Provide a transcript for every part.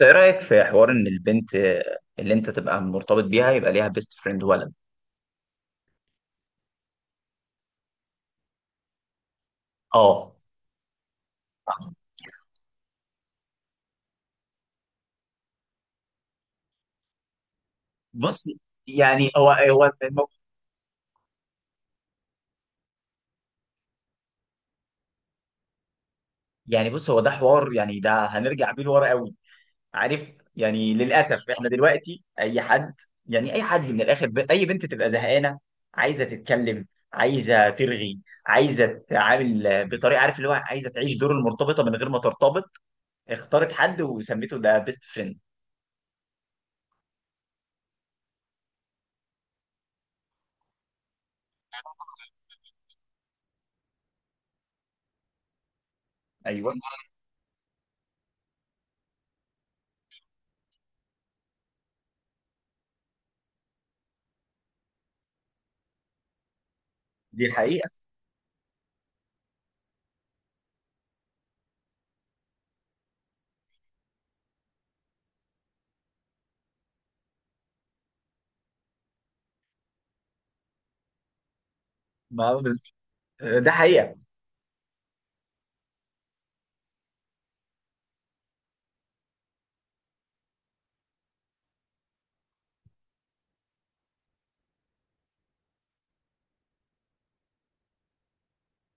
ايه رأيك في حوار ان البنت اللي انت تبقى مرتبط بيها يبقى ليها بيست فريند ولد. اه. بص يعني يعني بص هو ده حوار، يعني ده هنرجع بيه لورا قوي، عارف؟ يعني للاسف احنا دلوقتي اي حد، يعني اي حد من الاخر اي بنت تبقى زهقانه، عايزه تتكلم، عايزه ترغي، عايزه تتعامل بطريقه، عارف اللي هو عايزه تعيش دور المرتبطه من غير ما ترتبط، اختارت حد وسميته ده بيست فريند. ايوه، دي الحقيقه. ما ده حقيقه.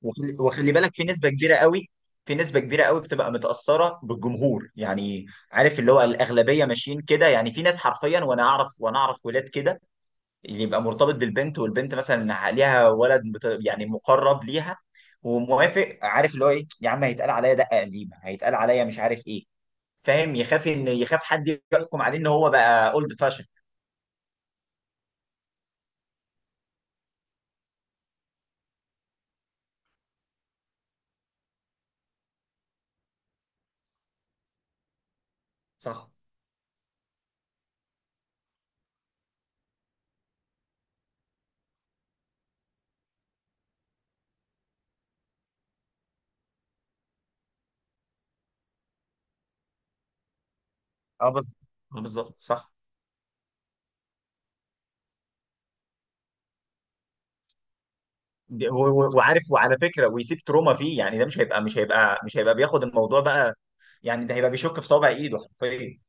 وخلي بالك في نسبة كبيرة قوي، في نسبة كبيرة قوي بتبقى متأثرة بالجمهور يعني، عارف اللي هو الأغلبية ماشيين كده. يعني في ناس حرفيا، وأنا أعرف، وأنا أعرف ولاد كده، اللي يبقى مرتبط بالبنت والبنت مثلا ليها ولد يعني مقرب ليها وموافق، عارف اللي هو إيه يا عم، هيتقال عليا دقة قديمة، هيتقال عليا مش عارف إيه، فاهم؟ يخاف، إن يخاف حد يحكم عليه إن هو بقى أولد فاشن. صح. اه بالظبط. آه بالظبط صح. وعارف، وعلى فكره، ويسيب تروما فيه، يعني ده مش هيبقى بياخد الموضوع بقى، يعني ده هيبقى بيشك في صابع ايده حرفيا.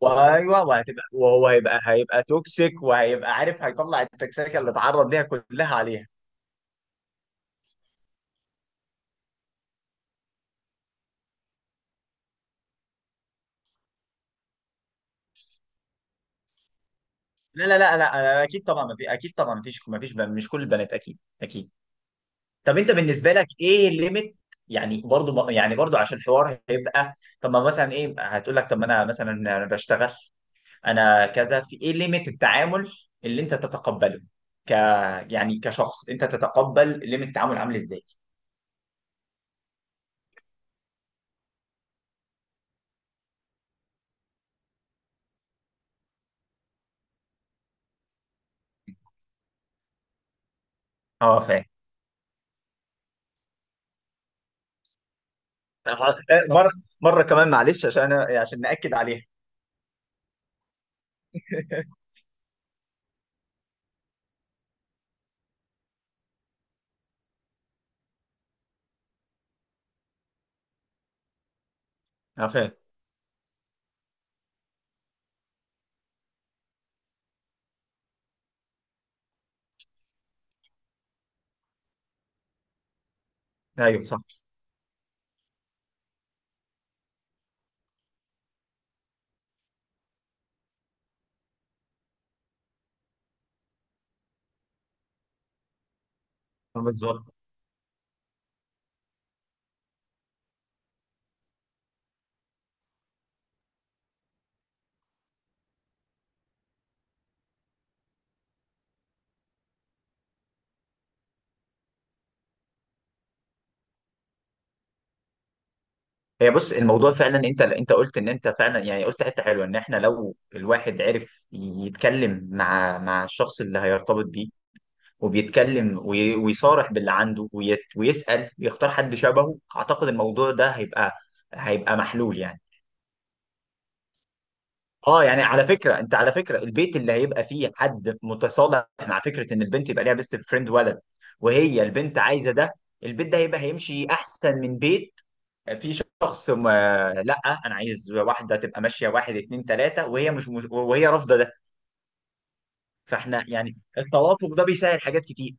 وايوه وهتبقى، وهو هيبقى توكسيك، وهيبقى عارف هيطلع التكسيكه اللي اتعرض ليها كلها عليها. لا لا لا لا، أنا اكيد طبعا ما في، اكيد طبعا ما فيش مش كل البنات، اكيد اكيد. طب انت بالنسبه لك ايه الليميت، يعني برضو عشان الحوار هيبقى، طب ما مثلا ايه هتقول لك، طب ما انا مثلا انا بشتغل، انا كذا، في ايه ليميت التعامل اللي انت تتقبله، ك يعني كشخص، انت تتقبل ليميت التعامل عامل ازاي؟ اه فاهم. آه، مره، مره كمان معلش عشان انا عشان ناكد عليها. اه فاهم. ايوه صح. آه، بالظبط. هي بص الموضوع فعلا، انت انت قلت ان انت فعلا، يعني قلت حته حلوه، ان احنا لو الواحد عرف يتكلم مع مع الشخص اللي هيرتبط بيه وبيتكلم ويصارح باللي عنده ويسأل ويختار حد شبهه، اعتقد الموضوع ده هيبقى، هيبقى محلول يعني. اه يعني على فكره، انت على فكره البيت اللي هيبقى فيه حد متصالح مع فكره ان البنت يبقى ليها بيست فريند ولد وهي البنت عايزه ده، البيت ده هيبقى، هيمشي احسن من بيت فيه شخص ما، لا انا عايز واحده تبقى ماشيه واحد اتنين تلاته وهي وهي رافضه ده. فاحنا يعني التوافق ده بيسهل حاجات كتير.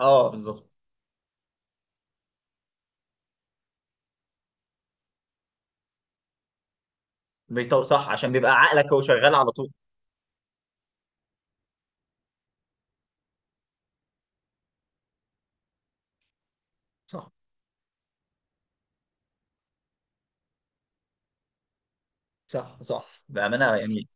اه بالظبط. صح، عشان بيبقى عقلك هو شغال على طول. صح، صح بامانه يعني.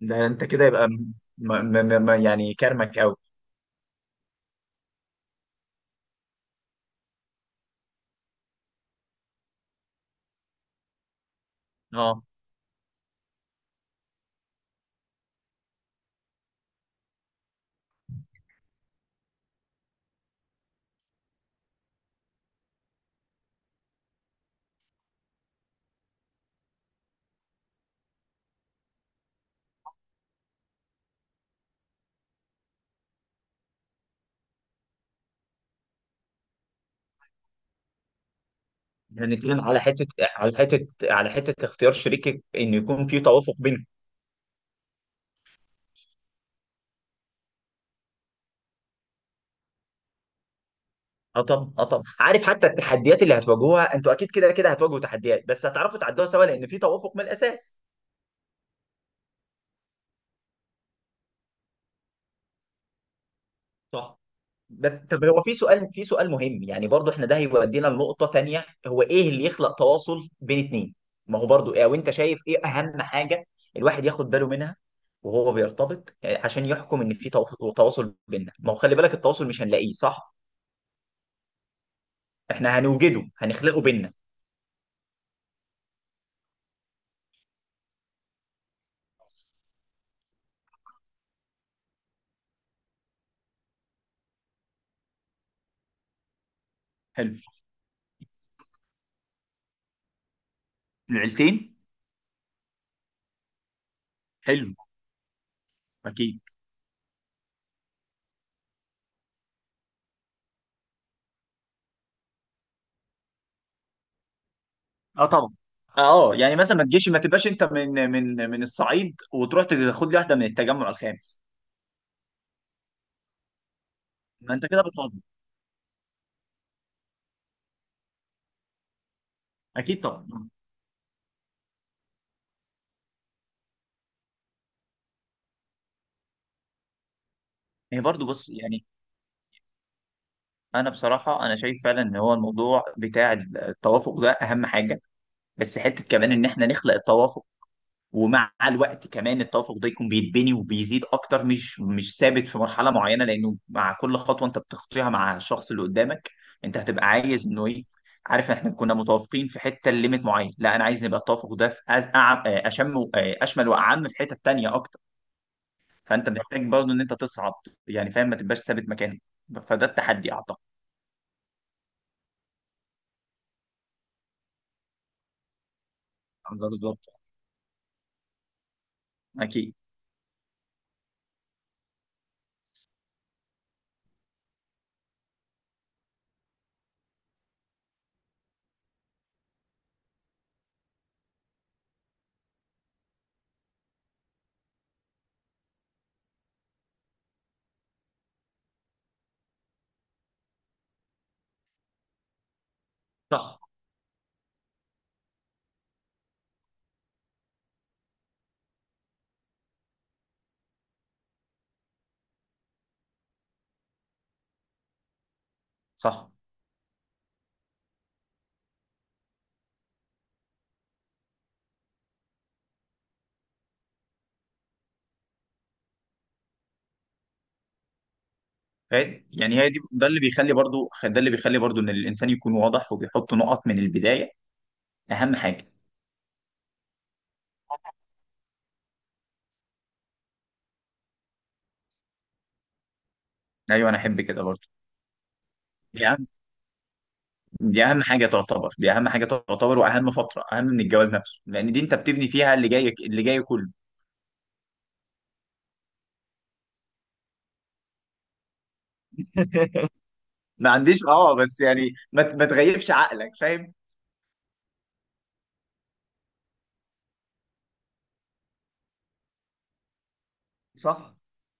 ده انت كده يبقى م... يعني كرمك قوي. اه. هنتكلم على حته، على حته، على حته اختيار شريكك ان يكون في توافق بينكم. اه طبعا، اه طبعا، عارف حتى التحديات اللي هتواجهوها انتوا اكيد كده كده هتواجهوا تحديات، بس هتعرفوا تعدوها سوا لان في توافق من الاساس. صح. بس طب هو في سؤال، في سؤال مهم يعني برضو، احنا ده هيودينا لنقطه تانيه، هو ايه اللي يخلق تواصل بين اتنين؟ ما هو برضو ايه، وانت شايف ايه اهم حاجه الواحد ياخد باله منها وهو بيرتبط، آه، عشان يحكم ان في تواصل بيننا؟ ما هو خلي بالك التواصل مش هنلاقيه صح، احنا هنوجده، هنخلقه بينا. حلو، العيلتين. حلو. اكيد. اه طبعا. اه يعني مثلا ما تجيش ما تبقاش انت من من الصعيد وتروح تاخد لي واحده من التجمع الخامس. ما انت كده بتهزر. اكيد طبعا. هي برضو بص يعني، انا بصراحه انا شايف فعلا ان هو الموضوع بتاع التوافق ده اهم حاجه، بس حته كمان ان احنا نخلق التوافق، ومع الوقت كمان التوافق ده يكون بيتبني وبيزيد اكتر، مش ثابت في مرحله معينه، لانه مع كل خطوه انت بتخطيها مع الشخص اللي قدامك انت هتبقى عايز انه ايه، عارف احنا كنا متوافقين في حته ليميت معين، لا انا عايز نبقى التوافق ده في أز... أعم... أشم و- اشمل واعم في حته تانيه اكتر. فانت محتاج برضه ان انت تصعد، يعني فاهم، ما تبقاش ثابت مكانك، فده التحدي اعتقد. ده بالظبط. اكيد. صح. صح. يعني هي دي، ده اللي بيخلي برضو، ده اللي بيخلي برضو ان الانسان يكون واضح وبيحط نقط من البدايه، اهم حاجه. ايوه انا احب كده برضه. دي اهم، دي اهم حاجه تعتبر، دي اهم حاجه تعتبر واهم فتره، اهم من الجواز نفسه، لان دي انت بتبني فيها اللي جاي، اللي جاي كله. ما عنديش، اه بس يعني ما تغيبش عقلك، فاهم؟ صح.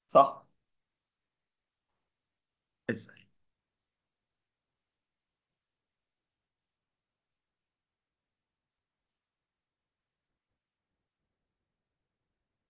صح. بس.